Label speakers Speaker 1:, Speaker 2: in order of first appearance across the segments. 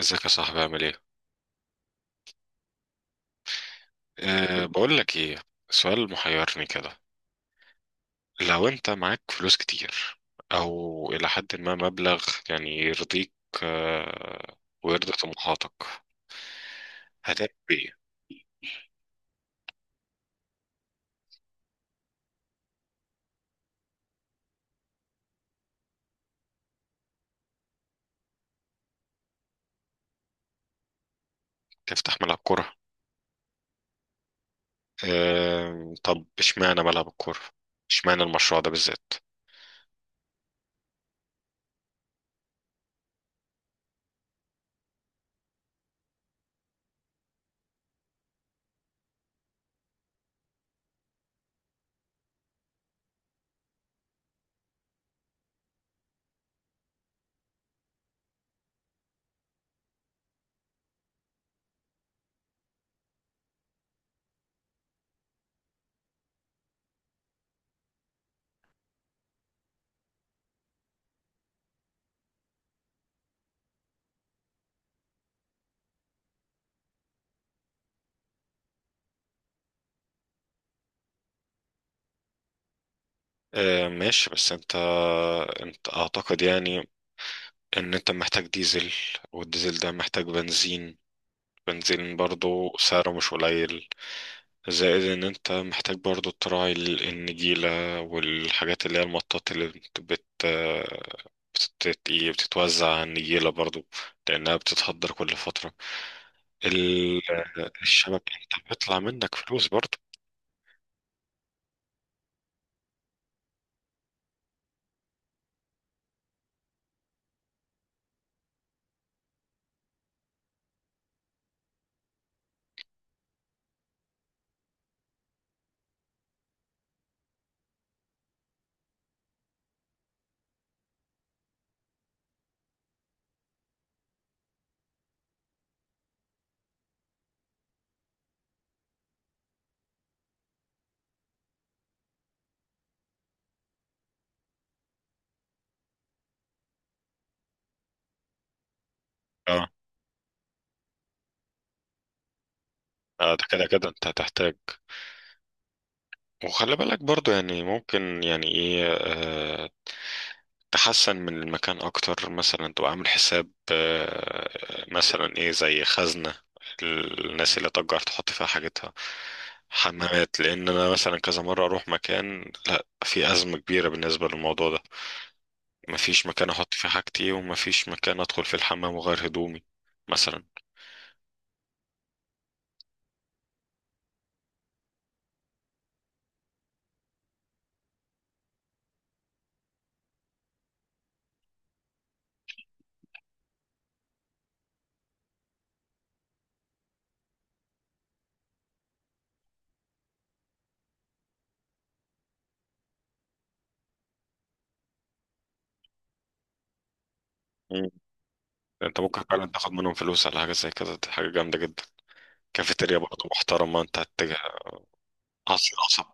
Speaker 1: ازيك يا صاحبي عامل ايه؟ بقول لك ايه، سؤال محيرني كده. لو انت معاك فلوس كتير، او الى حد ما مبلغ يعني يرضيك أه ويرضي طموحاتك، هتعمل ايه؟ تفتح ملعب كورة؟ أه، طب اشمعنى ملعب الكورة؟ اشمعنى المشروع ده بالذات؟ أه، ماشي. بس انت اعتقد يعني ان انت محتاج ديزل، والديزل ده محتاج بنزين، بنزين برضه سعره مش قليل. زائد ان انت محتاج برضو تراعي النجيلة، والحاجات اللي هي المطاط اللي بت بت بتت- إيه، بتتوزع على النجيلة برضو، لانها بتتهدر كل فترة. ال- الشبكة، انت بيطلع منك فلوس برضو. اه. ده كده كده انت هتحتاج. وخلي بالك برضو، يعني ممكن يعني ايه، تحسن من المكان اكتر، مثلا تبقى عامل حساب مثلا ايه، زي خزنة الناس اللي تجار تحط فيها حاجتها، حمامات. لان انا مثلا كذا مرة اروح مكان، لا في ازمة كبيرة بالنسبة للموضوع ده، مفيش مكان احط فيه حاجتي ومفيش مكان ادخل فيه الحمام وغير هدومي مثلا. مم. انت ممكن فعلا تاخد منهم فلوس على حاجة زي كده، دي حاجة جامدة جدا. كافيتيريا برضه محترمة، انت هتجي عصير قصب.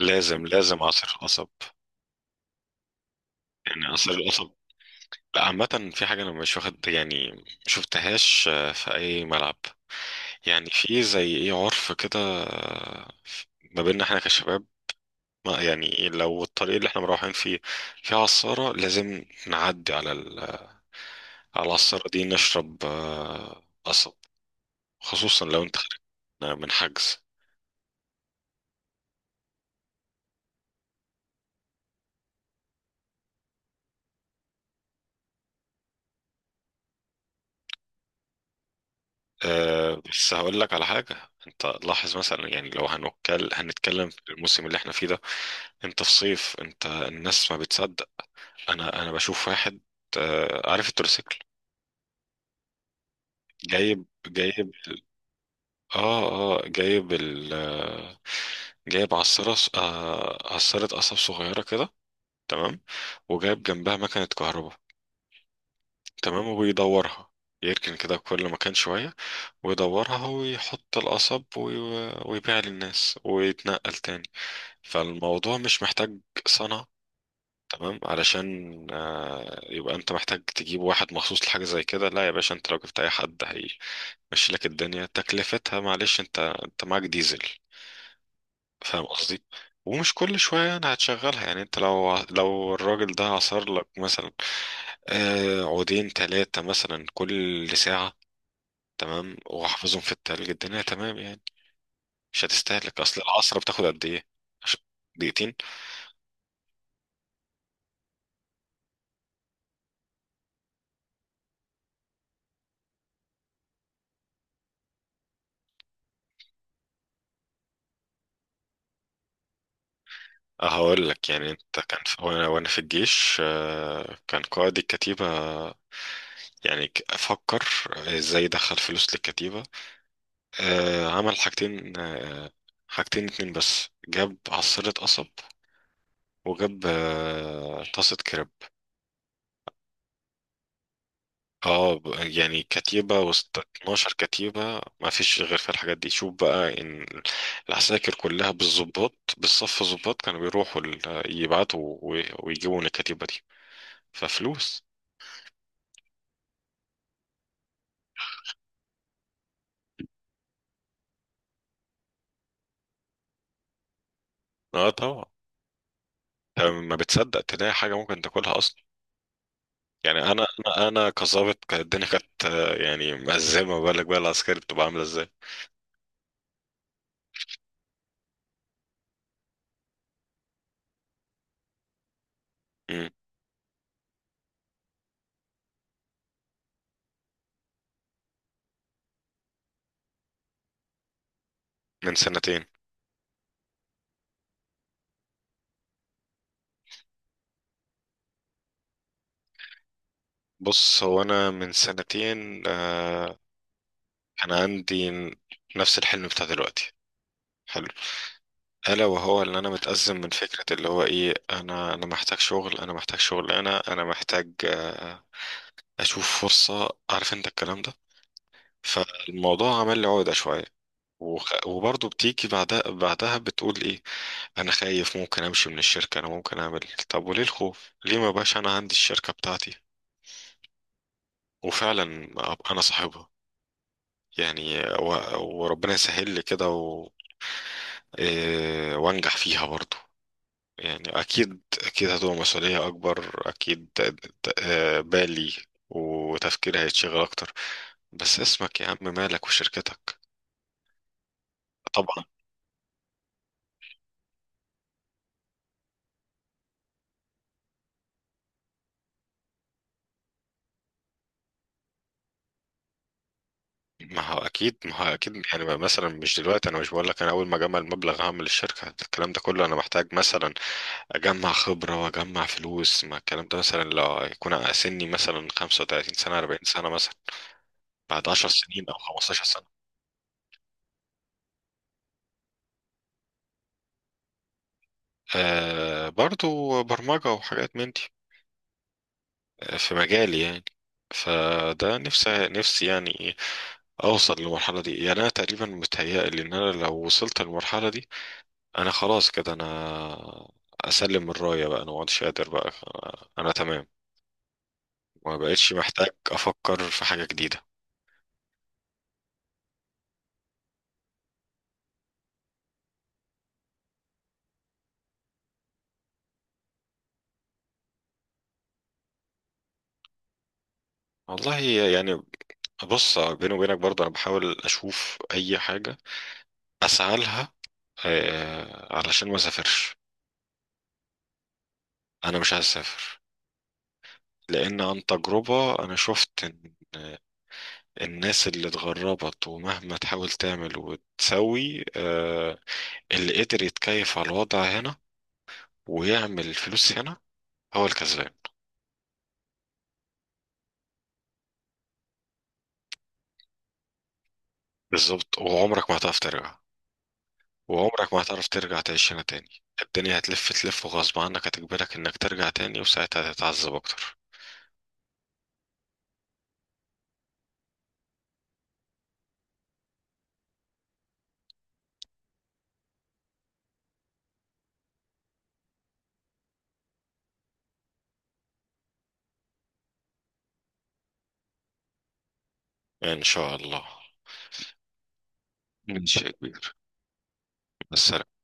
Speaker 1: لازم لازم عصير قصب، يعني عصير القصب. لا، عامة في حاجة أنا مش واخد يعني مشوفتهاش في أي ملعب، يعني في زي إيه، عرف كده. آه، ما بيننا إحنا كشباب، ما يعني لو الطريق اللي إحنا مروحين فيه فيه عصارة لازم نعدي على على العصارة دي نشرب قصب، خصوصا لو أنت خارج من حجز. بس هقول لك على حاجة. أنت لاحظ مثلا، يعني لو هنتكلم هنتكلم في الموسم اللي إحنا فيه ده، أنت في صيف أنت الناس ما بتصدق. انا بشوف واحد عارف التروسيكل، جايب جايب، اه، اه جايب ال آه، جايب عصارة عصارة قصب صغيرة كده، تمام، وجايب جنبها مكنة كهرباء، تمام، وبيدورها. يركن كده كل مكان شوية ويدورها ويحط القصب ويبيع للناس ويتنقل تاني. فالموضوع مش محتاج صنعة، تمام، علشان يبقى انت محتاج تجيب واحد مخصوص لحاجة زي كده. لا يا باشا، انت لو جبت اي حد هي ماشي لك، الدنيا تكلفتها معلش، انت معاك ديزل، فاهم قصدي؟ ومش كل شوية يعني هتشغلها، يعني انت لو الراجل ده عصر لك مثلا عودين تلاتة مثلا كل ساعة، تمام، وحافظهم في التلج، الدنيا تمام يعني، مش هتستهلك. اصل العصرة بتاخد قد ايه؟ عش- دقيقتين. هقول لك يعني، انت كان في وانا في الجيش كان قائد الكتيبة، يعني افكر ازاي ادخل فلوس للكتيبة. عمل حاجتين، حاجتين اتنين بس، جاب عصيرة قصب وجاب طاسة كريب. اه يعني كتيبة وسط 12 كتيبة ما فيش غير في الحاجات دي. شوف بقى ان العساكر كلها بالظباط بالصف الظباط كانوا بيروحوا يبعتوا ويجيبوا من الكتيبة دي ففلوس. اه طبعا. ما بتصدق تلاقي حاجة ممكن تاكلها اصلا. يعني انا، انا كظابط كانت الدنيا كانت يعني مأزمة، بالك بقى العسكري بتبقى عاملة ازاي. من سنتين. بص هو انا من سنتين انا عندي نفس الحلم بتاع دلوقتي. حلو. الا وهو ان انا متأزم من فكرة، اللي هو ايه، انا محتاج شغل، انا محتاج شغل، انا محتاج اشوف فرصة، عارف انت الكلام ده. فالموضوع عمل لي عقدة شوية. وبرضه بتيجي بعدها بتقول ايه: انا خايف ممكن امشي من الشركة، انا ممكن اعمل إيه؟ طب وليه الخوف؟ ليه ما بقاش انا عندي الشركة بتاعتي، وفعلا أبقى انا صاحبها يعني، وربنا يسهل لي كده و وانجح فيها برضو. يعني اكيد اكيد هتبقى مسؤولية اكبر، اكيد بالي وتفكيري هيتشغل اكتر، بس اسمك يا عم مالك وشركتك. طبعا. ما هو اكيد ما هو اكيد، يعني مثلا مش دلوقتي، انا مش بقول لك انا اول ما اجمع المبلغ هعمل الشركه الكلام ده كله. انا محتاج مثلا اجمع خبره واجمع فلوس، ما الكلام ده مثلا لو يكون سني مثلا 35 سنه، 40 سنه مثلا، بعد 10 سنين او 15. برضو برمجة وحاجات من دي، في مجالي يعني. فده نفسي نفسي يعني أوصل للمرحلة دي. يعني أنا تقريبا متهيألي إن أنا لو وصلت للمرحلة دي أنا خلاص كده، أنا أسلم الراية بقى، أنا مقعدش قادر بقى، أنا تمام، ما بقتش محتاج أفكر في حاجة جديدة. والله يعني، بص بيني وبينك برضه، أنا بحاول أشوف أي حاجة أسعى لها علشان ما أسافرش. أنا مش عايز أسافر، لأن عن تجربة أنا شفت إن الناس اللي اتغربت ومهما تحاول تعمل وتسوي اللي قدر يتكيف على الوضع هنا ويعمل فلوس هنا هو الكسبان. بالظبط، وعمرك ما هتعرف ترجع، وعمرك ما هتعرف ترجع تعيش هنا تاني. الدنيا هتلف تلف وغصب عنك هتجبرك إنك ترجع تاني، وساعتها هتتعذب أكتر. إن شاء الله. ماشي يا كبير، بس